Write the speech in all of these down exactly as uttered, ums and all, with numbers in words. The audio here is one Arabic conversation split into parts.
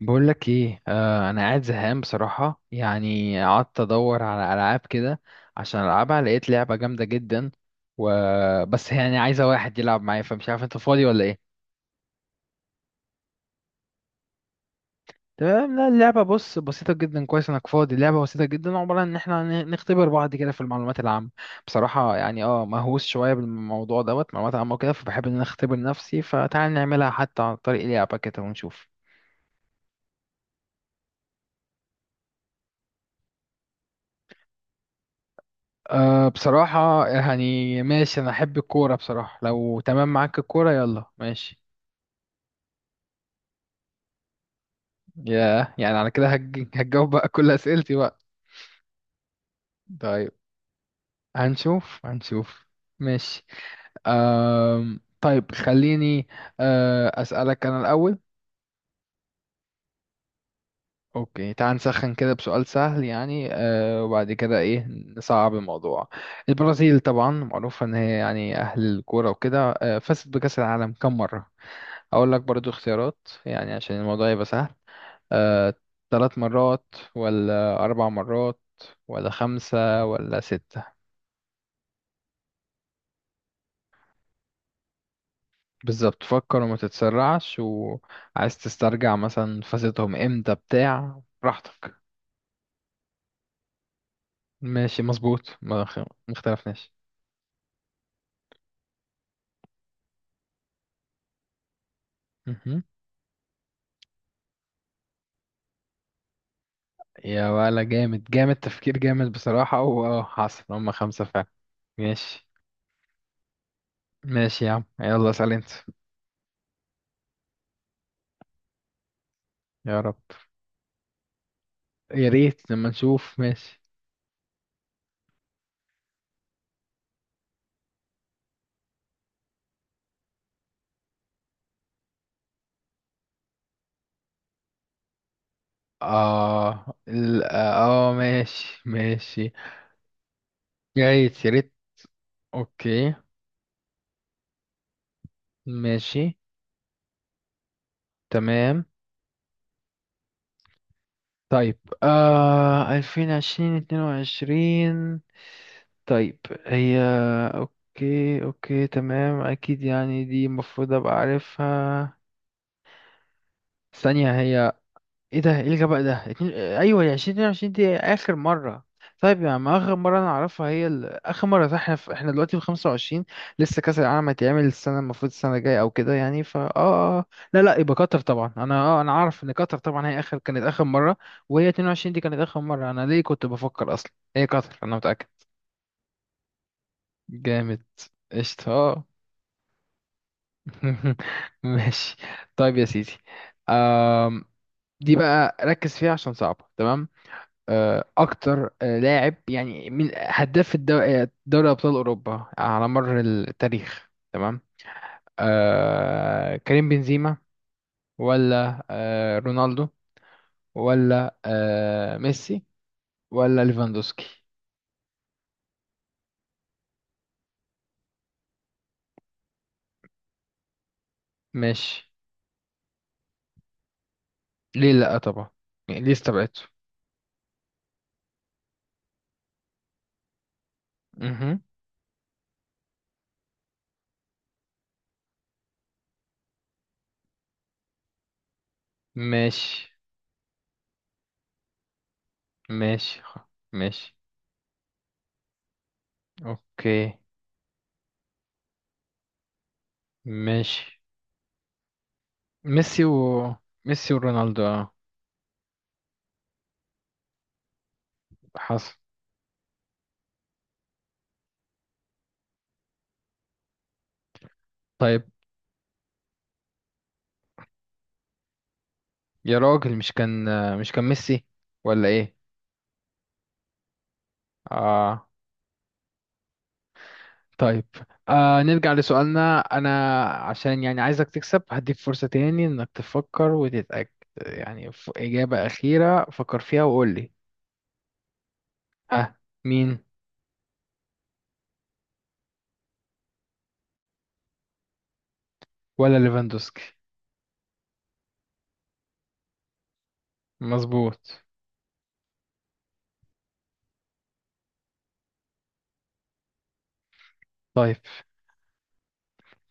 بقول لك ايه، آه انا قاعد زهقان بصراحه. يعني قعدت ادور على العاب كده عشان العبها، لقيت لعبه جامده جدا. و بس يعني عايزه واحد يلعب معايا، فمش عارف انت فاضي ولا ايه؟ تمام، لا اللعبه بص بسيطه جدا. كويس انك فاضي. اللعبه بسيطه جدا، عباره عن ان احنا ن- نختبر بعض كده في المعلومات العامه. بصراحه يعني اه مهووس شويه بالموضوع دوت معلومات عامه وكده، فبحب ان انا اختبر نفسي، فتعال نعملها حتى عن طريق لعبه كده ونشوف. أه، بصراحة يعني ماشي، أنا أحب الكورة بصراحة، لو تمام معاك الكورة يلا ماشي. يا يعني على كده هتج- هتجاوب بقى كل أسئلتي بقى. طيب، هنشوف هنشوف، ماشي. أم طيب خليني أه أسألك أنا الأول. أوكي، تعال نسخن كده بسؤال سهل، يعني أه وبعد كده إيه نصعب الموضوع. البرازيل طبعا معروفة إن هي يعني أهل الكورة وكده، أه فازت بكأس العالم كم مرة؟ اقول لك برضو اختيارات يعني عشان الموضوع يبقى سهل. آه، ثلاث مرات ولا اربع مرات ولا خمسة ولا ستة؟ بالظبط، فكر وما تتسرعش، وعايز تسترجع مثلا فازتهم امتى بتاع براحتك. ماشي مظبوط، ما خ- ما اختلفناش. مهم. يا، ولا جامد جامد، تفكير جامد بصراحة، واه حصل، هما خمسة فعلا. ماشي، ماشي يا عم، يلا اسأل انت. يا رب. يا ريت لما نشوف، ماشي. اه ال- اه ماشي ماشي. جايز يا ريت. اوكي، ماشي تمام. طيب، آه ألفين عشرين اتنين وعشرين. طيب، هي، اوكي اوكي تمام، اكيد يعني دي المفروض ابقى عارفها. ثانية، هي ايه ده، ايه الغباء ده، اتنين... ايوه هي ألفين واتنين وعشرين، دي اخر مره. طيب يعني ما اخر مره انا اعرفها هي ال... اخر مره، صح احنا في... احنا دلوقتي في خمسة وعشرين، لسه كاس العالم هيتعمل السنه، المفروض السنه الجايه او كده يعني، فا اه آه. آه. لا لا، يبقى قطر طبعا، انا اه انا عارف ان قطر طبعا هي اخر كانت اخر مره. وهي اتنين وعشرين دي كانت اخر مره، انا ليه كنت بفكر اصلا، هي قطر، انا متاكد. جامد، قشطة اه ماشي. طيب يا سيدي. آم... دي بقى ركز فيها عشان صعبه تمام. آه، اكتر آه، لاعب يعني من هداف الدو- آه، دوري ابطال اوروبا على مر التاريخ، تمام. آه، كريم بنزيما، ولا آه، رونالدو، ولا آه، ميسي، ولا ليفاندوسكي؟ ماشي. ليه لا طبعا، يعني ليه استبعدته. مهم. ماشي ماشي، خ- ماشي. اوكي، ماشي. ميسي و... ميسي ورونالدو اه حصل. طيب يا راجل، مش كان مش كان ميسي ولا ايه؟ اه. طيب، آه نرجع لسؤالنا. انا عشان يعني عايزك تكسب هديك فرصة تاني، انك تفكر وتتأكد يعني، ف- إجابة أخيرة فكر فيها وقول لي. ها، مين؟ ولا ليفاندوسكي؟ مظبوط. طيب.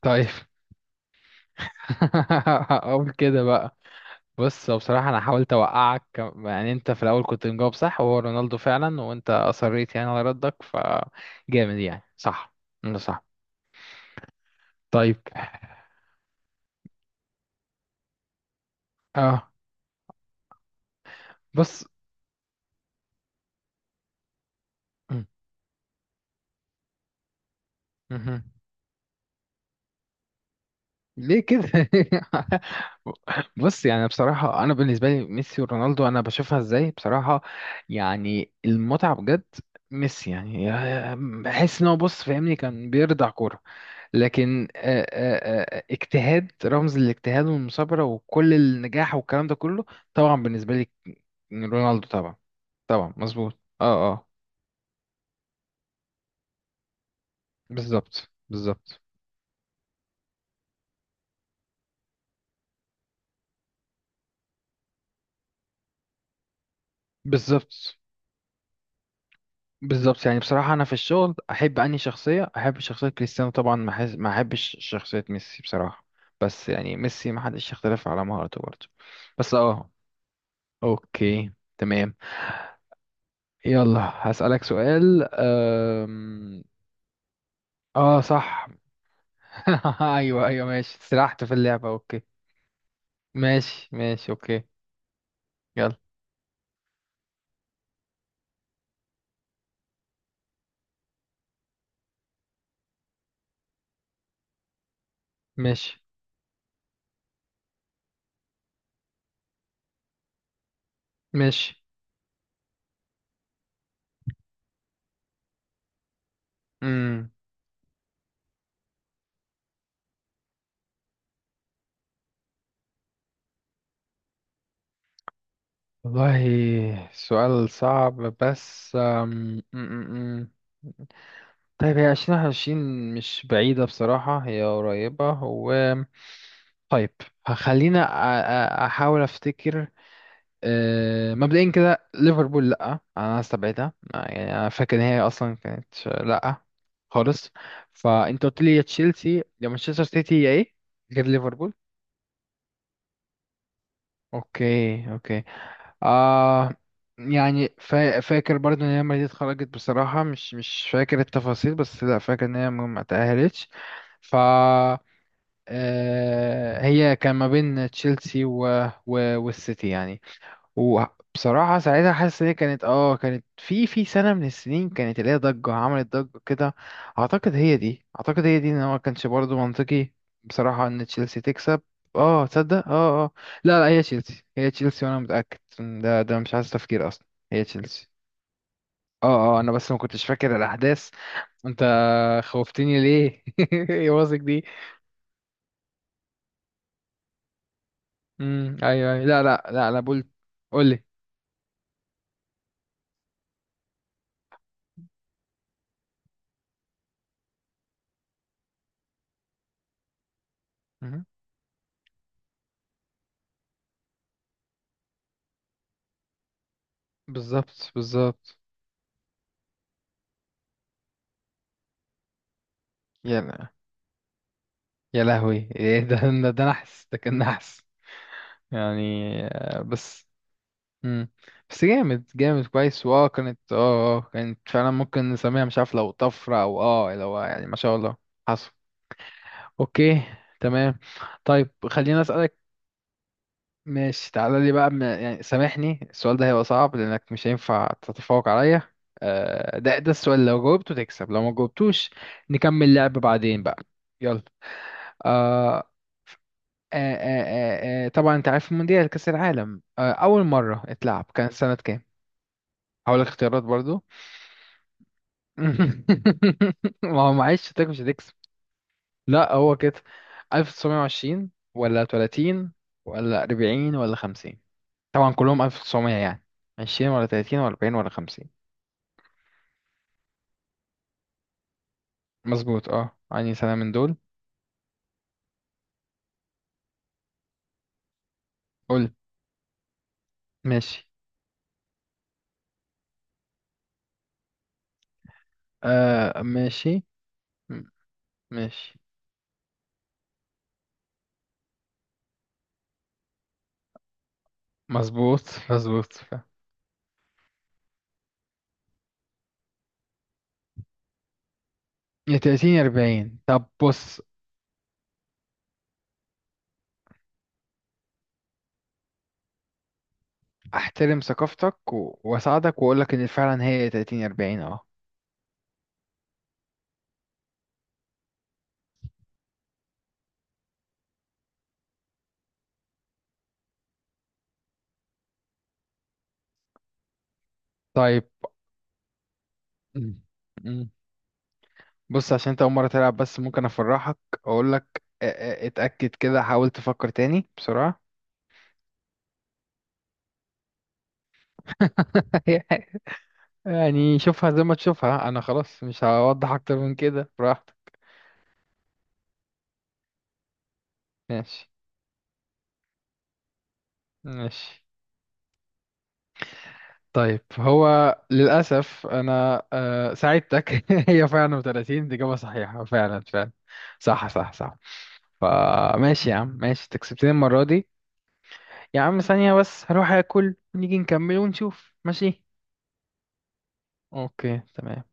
طيب اقول كده بقى. بص، هو بصراحة أنا حاولت أوقعك، كم- يعني أنت في الأول كنت مجاوب صح وهو رونالدو فعلا، وأنت أصريت يعني على ردك، فجامد يعني، صح. أنت صح. طيب. اه، بص، م- مهم. ليه كده بص يعني بصراحة أنا بالنسبة لي ميسي ورونالدو أنا بشوفها إزاي بصراحة. يعني المتعة بجد. ميسي يعني يا- بحس إن هو، بص فاهمني، كان بيرضع كورة. لكن آه، آه، آه، اجتهاد، رمز الاجتهاد والمثابرة وكل النجاح والكلام ده كله، طبعا بالنسبة لي. رونالدو طبعا، طبعا مظبوط اه اه بالظبط، بالظبط، بالظبط، بالظبط. يعني بصراحة أنا في الشغل أحب أنهي شخصية، أحب شخصية كريستيانو طبعا، ما أحس- ما أحبش شخصية ميسي بصراحة. بس يعني ميسي ما حدش يختلف على مهارته برضه. بس أه أوكي تمام. يلا هسألك سؤال. أم... أه صح أيوه، أيوه، ماشي سرحت في اللعبة، أوكي. ماشي، ماشي، أوكي. يلا. ماشي، ماشي. مم. والله سؤال صعب، بس أم... أم، أم، أم. طيب، هي عشرين واحد وعشرين مش بعيدة بصراحة، هي قريبة و... طيب، خلينا أ- أ- أحاول أفتكر. آه، مبدئيا كده ليفربول لأ أنا هستبعدها، آه، يعني أنا فاكر إن هي أصلا كانت لأ خالص. فأنت قلت لي يا تشيلسي يا مانشستر سيتي يا إيه غير ليفربول. أوكي، أوكي. آه يعني فا- فاكر برضو ان هي لما دي اتخرجت بصراحة، مش مش فاكر التفاصيل، بس لا فاكر ان هي ما ما تأهلتش. ف... آه، هي كان ما بين تشيلسي و... و... والسيتي يعني. وبصراحة ساعتها حاسس ان هي كانت اه كانت في في سنة من السنين، كانت اللي هي ضجة، عملت ضجة كده. اعتقد هي دي اعتقد هي دي، ان هو ما كانش برضه منطقي بصراحة ان تشيلسي تكسب. اه، تصدق، اه اه لا لا، هي تشيلسي، هي تشيلسي وانا متأكد، ده ده مش عايز تفكير اصلا، هي تشيلسي. اه اه انا بس ما كنتش فاكر الاحداث. انت خوفتني ليه يا واثق دي. امم ايوه، ايوه، لا، لا، لا، انا بقول. قول لي. مهم. بالظبط، بالظبط. يلا. يا لهوي إيه ده؟ ده ده نحس ده كان نحس يعني. آه، بس. مم. بس جامد جامد، كويس، واه كانت اه اه كانت فعلا، ممكن نسميها، مش عارف، لو طفرة او اه لو يعني ما شاء الله حصل. اوكي تمام. طيب خليني اسألك. ماشي، تعالى لي بقى، م- يعني سامحني السؤال ده هيبقى صعب لانك مش هينفع تتفوق عليا. آه، ده ده السؤال لو جاوبته تكسب لو ما جاوبتوش نكمل لعب بعدين بقى. يلا. آه، آه آه آه آه، طبعا انت عارف المونديال كأس العالم، آه اول مرة اتلعب كان سنة كام؟ هقول لك اختيارات برضو. ما هو معلش شتاك مش هتكسب. لا هو كده. ألف تسعمية وعشرين ولا تلاتين ولا اربعين ولا خمسين؟ طبعا كلهم ألف وتسعمائة يعني. عشرين ولا ثلاثين ولا اربعين ولا خمسين؟ مظبوط، اه يعني سنة من دول. قول. ماشي. آه ماشي، م- ماشي مظبوط، مظبوط، ف- يا تلاتين يا اربعين. طب بص، احترم ثقافتك و- واساعدك واقول لك ان فعلا هي تلاتين اربعين اه طيب. مم. مم. بص عشان انت اول مره تلعب، بس ممكن افرحك. اقول لك اتاكد كده، حاول تفكر تاني بسرعه. يعني شوفها زي ما تشوفها، انا خلاص مش هوضح اكتر من كده براحتك. ماشي، ماشي. طيب، هو للأسف أنا آه، ساعدتك هي فعلا تلاتين، دي إجابة صحيحة فعلا فعلا. صح، صح، صح. فماشي يا عم، ماشي تكسبتني المرة دي. يا عم، ثانية بس هروح أكل، ونيجي نكمل ونشوف ماشي. أوكي، تمام.